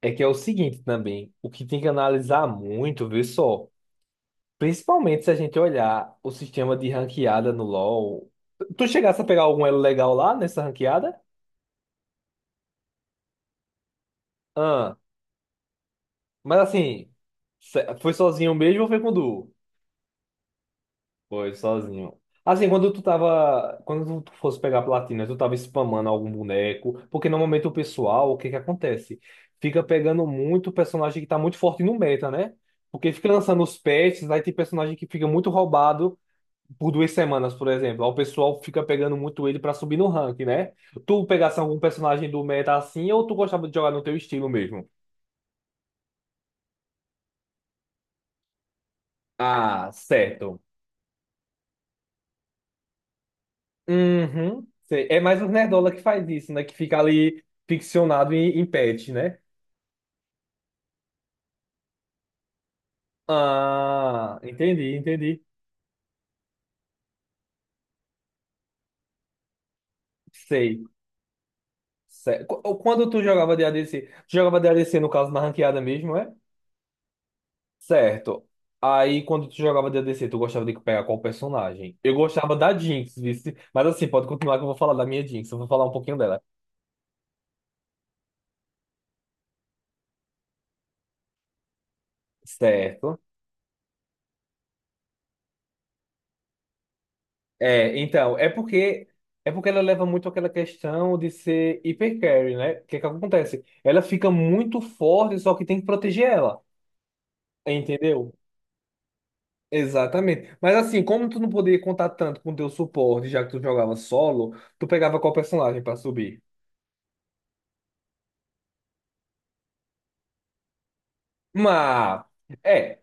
É que é o seguinte também, o que tem que analisar muito, vê só, principalmente se a gente olhar o sistema de ranqueada no LoL. Tu chegasse a pegar algum elo legal lá nessa ranqueada? Ah, mas assim, foi sozinho mesmo ou foi com duo? Foi sozinho. Assim, quando tu tava, quando tu fosse pegar platina, tu tava spamando algum boneco, porque normalmente o pessoal, o que que acontece? Fica pegando muito personagem que tá muito forte no meta, né? Porque fica lançando os patches, aí tem personagem que fica muito roubado por 2 semanas, por exemplo. Aí o pessoal fica pegando muito ele pra subir no rank, né? Tu pegasse algum personagem do meta assim ou tu gostava de jogar no teu estilo mesmo? Ah, certo. Uhum. Sei. É mais os nerdola que faz isso, né? Que fica ali ficcionado em patch, né? Ah, entendi, entendi. Sei. Sei. Quando tu jogava de ADC, tu jogava de ADC no caso na ranqueada mesmo, é? Certo. Aí, quando tu jogava D and D C tu gostava de pegar qual personagem? Eu gostava da Jinx, vice. Mas assim, pode continuar que eu vou falar da minha Jinx. Eu vou falar um pouquinho dela. Certo. É, então, é porque ela leva muito aquela questão de ser hiper carry, né? O que é que acontece? Ela fica muito forte, só que tem que proteger ela. Entendeu? Exatamente. Mas assim, como tu não podia contar tanto com teu suporte, já que tu jogava solo, tu pegava qual personagem pra subir? Mas... É,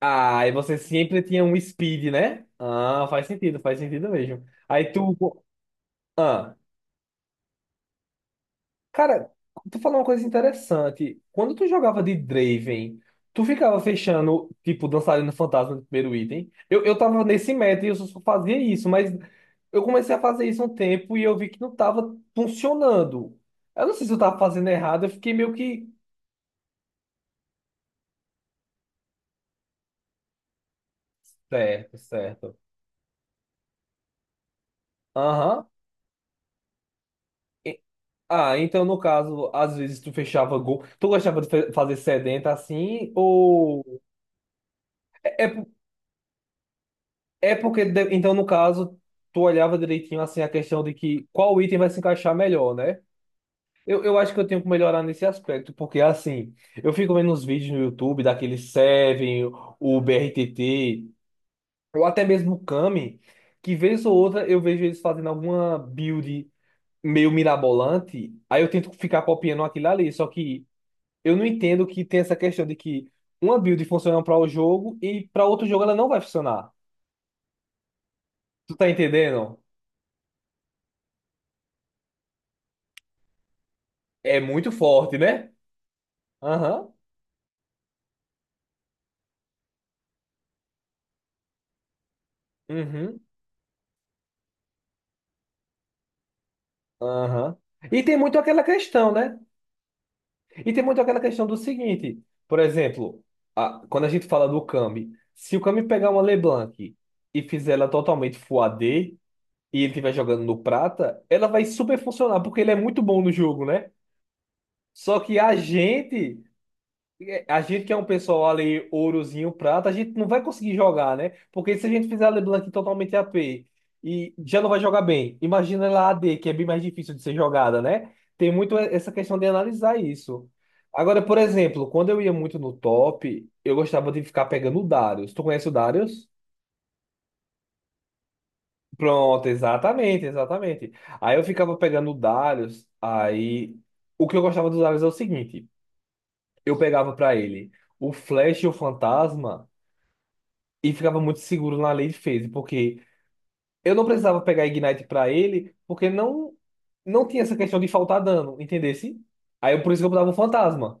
ah, e você sempre tinha um speed, né? Ah, faz sentido mesmo. Aí tu. Ah, cara, tu falou uma coisa interessante. Quando tu jogava de Draven, tu ficava fechando, tipo, dançarino fantasma no primeiro item. Eu tava nesse meta e eu só fazia isso, mas eu comecei a fazer isso um tempo e eu vi que não tava funcionando. Eu não sei se eu tava fazendo errado, eu fiquei meio que. Certo, certo. Aham. Ah, então no caso, às vezes tu fechava gol. Tu gostava de fazer sedenta assim? Ou. É, é porque, então no caso, tu olhava direitinho assim a questão de que qual item vai se encaixar melhor, né? Eu acho que eu tenho que melhorar nesse aspecto, porque assim, eu fico vendo uns vídeos no YouTube daquele Seven, o BRTT, ou até mesmo o Kami, que vez ou outra eu vejo eles fazendo alguma build meio mirabolante, aí eu tento ficar copiando aquilo ali, só que eu não entendo que tem essa questão de que uma build funciona para o jogo e para outro jogo ela não vai funcionar. Tu tá entendendo? É muito forte, né? Aham. Uhum. Aham. E tem muito aquela questão, né? E tem muito aquela questão do seguinte, por exemplo, quando a gente fala do Kami, se o Kami pegar uma LeBlanc e fizer ela totalmente Full AD e ele estiver jogando no prata, ela vai super funcionar porque ele é muito bom no jogo, né? Só que a gente. A gente que é um pessoal ali, ourozinho, prata, a gente não vai conseguir jogar, né? Porque se a gente fizer a LeBlanc totalmente AP e já não vai jogar bem, imagina ela AD que é bem mais difícil de ser jogada, né? Tem muito essa questão de analisar isso. Agora, por exemplo, quando eu ia muito no top, eu gostava de ficar pegando o Darius. Tu conhece o Darius? Pronto, exatamente, exatamente. Aí eu ficava pegando o Darius, aí o que eu gostava do Darius é o seguinte, eu pegava pra ele o Flash e o Fantasma. E ficava muito seguro na lei de phase, porque eu não precisava pegar Ignite pra ele, porque não não tinha essa questão de faltar dano, entendesse? Aí por isso que eu botava um fantasma.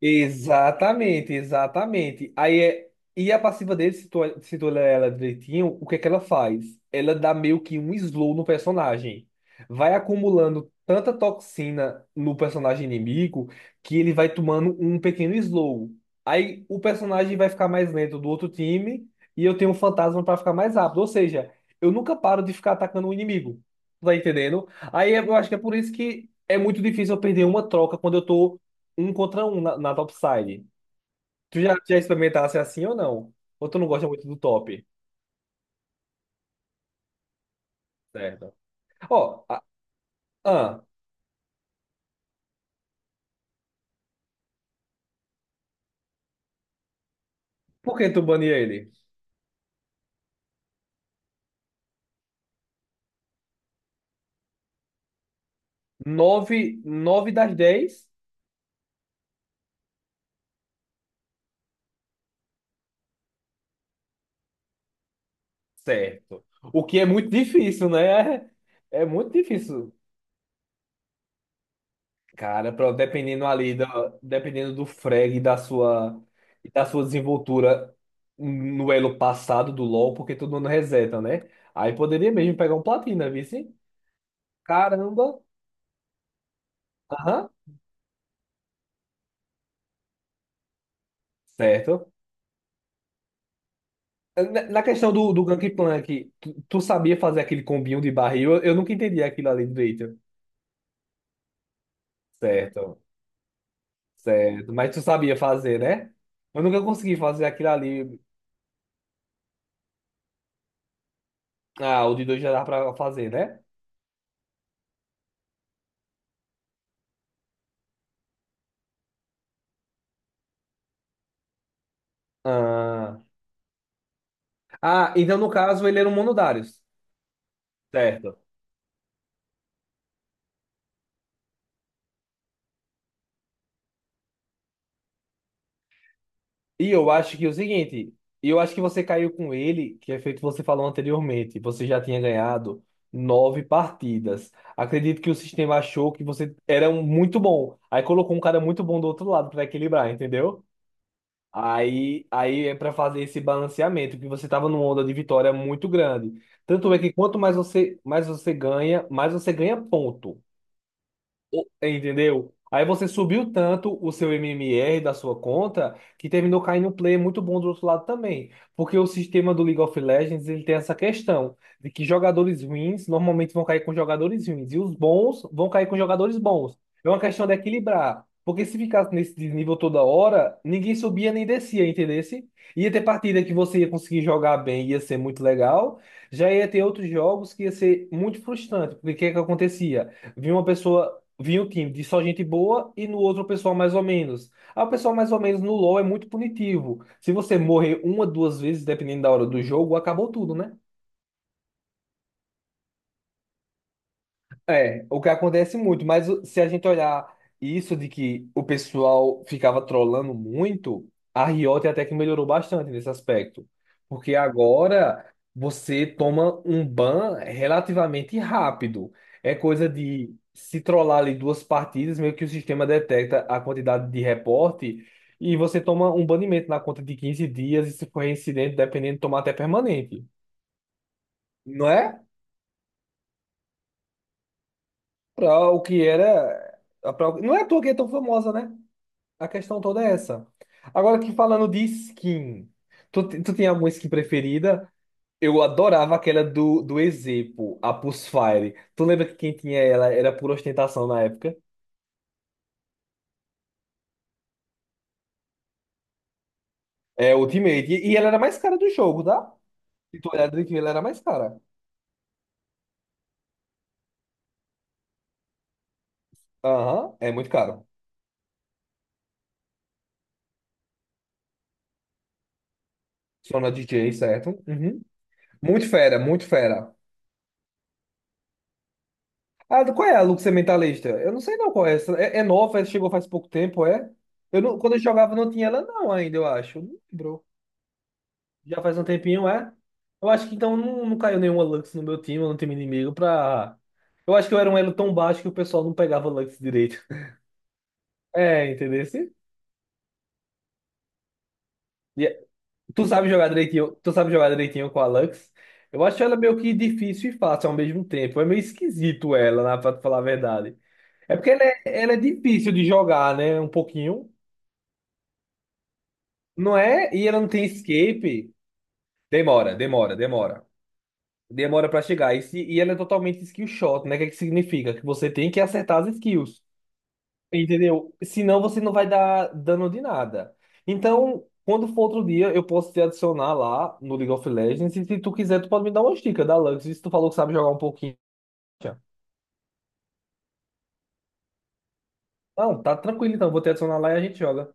Exatamente, exatamente. Aí é, e a passiva dele, se tu olhar ela direitinho, o que é que ela faz? Ela dá meio que um slow no personagem. Vai acumulando tanta toxina no personagem inimigo que ele vai tomando um pequeno slow. Aí o personagem vai ficar mais lento do outro time e eu tenho um fantasma para ficar mais rápido. Ou seja, eu nunca paro de ficar atacando o inimigo. Tá entendendo? Aí eu acho que é por isso que é muito difícil eu perder uma troca quando eu tô um contra um na topside. Tu já, já experimentasse assim ou não? Ou tu não gosta muito do top? Certo. Ó, ah, por que tu bania ele? Nove nove das dez. Certo. O que é muito difícil, né? É, é muito difícil. Cara, pra, dependendo ali, da, dependendo do frag e da sua desenvoltura no elo passado do LoL, porque todo mundo reseta, né? Aí poderia mesmo pegar um platina, viu? Sim? Caramba. Aham. Certo. Na na questão do Gank Plank, tu sabia fazer aquele combinho de barril? Eu nunca entendi aquilo ali direito. Certo, certo. Mas tu sabia fazer, né? Eu nunca consegui fazer aquilo ali. Ah, o de dois já dá pra fazer, né? Ah, ah então no caso ele era um Monodarius. Certo. E eu acho que é o seguinte, eu acho que você caiu com ele, que é feito você falou anteriormente. Você já tinha ganhado nove partidas. Acredito que o sistema achou que você era um muito bom. Aí colocou um cara muito bom do outro lado para equilibrar, entendeu? Aí é para fazer esse balanceamento, que você estava numa onda de vitória muito grande. Tanto é que quanto mais você ganha ponto. Entendeu? Aí você subiu tanto o seu MMR da sua conta que terminou caindo um player muito bom do outro lado também. Porque o sistema do League of Legends ele tem essa questão de que jogadores ruins normalmente vão cair com jogadores ruins e os bons vão cair com jogadores bons. É uma questão de equilibrar. Porque se ficasse nesse nível toda hora, ninguém subia nem descia, entendesse? Ia ter partida que você ia conseguir jogar bem, ia ser muito legal. Já ia ter outros jogos que ia ser muito frustrante. Porque o que é que acontecia? Vinha uma pessoa. Vinha o time de só gente boa e no outro o pessoal mais ou menos. Ah, o pessoal mais ou menos no LoL é muito punitivo. Se você morrer uma, duas vezes, dependendo da hora do jogo, acabou tudo, né? É, o que acontece muito, mas se a gente olhar isso de que o pessoal ficava trollando muito, a Riot até que melhorou bastante nesse aspecto. Porque agora você toma um ban relativamente rápido. É coisa de se trollar ali duas partidas, meio que o sistema detecta a quantidade de reporte e você toma um banimento na conta de 15 dias e se for reincidente, dependendo, tomar até permanente. Não é? Pra o que era. Não é à toa que é tão famosa, né? A questão toda é essa. Agora que falando de skin, tu tem alguma skin preferida? Eu adorava aquela do, do Ezepo, a Pulse Fire. Tu lembra que quem tinha ela era por ostentação na época? É Ultimate. E ela era mais cara do jogo, tá? Se tu olhar direitinho, ela era mais cara. Aham, é muito caro. Só na DJ, certo? Uhum. Muito fera, muito fera. Ah, qual é a Luxem Mentalista? Eu não sei não qual é essa. É, é nova, chegou faz pouco tempo, é? Eu não, quando eu jogava não tinha ela não ainda, eu acho. Não lembro. Já faz um tempinho, é? Eu acho que então não, não caiu nenhuma Lux no meu time, no time inimigo, pra. Eu acho que eu era um elo tão baixo que o pessoal não pegava Lux direito. É, entendeu? E é- Tu sabe jogar direitinho, tu sabe jogar direitinho com a Lux? Eu acho ela meio que difícil e fácil ao mesmo tempo. É meio esquisito ela, né, pra te falar a verdade. É porque ela é difícil de jogar, né? Um pouquinho. Não é? E ela não tem escape. Demora, demora, demora. Demora pra chegar. E, se- e ela é totalmente skill shot, né? O que é que significa? Que você tem que acertar as skills, entendeu? Senão você não vai dar dano de nada. Então, quando for outro dia, eu posso te adicionar lá no League of Legends. E se tu quiser, tu pode me dar uma dica da Lux. Se tu falou que sabe jogar um pouquinho. Não, tá tranquilo então. Vou te adicionar lá e a gente joga.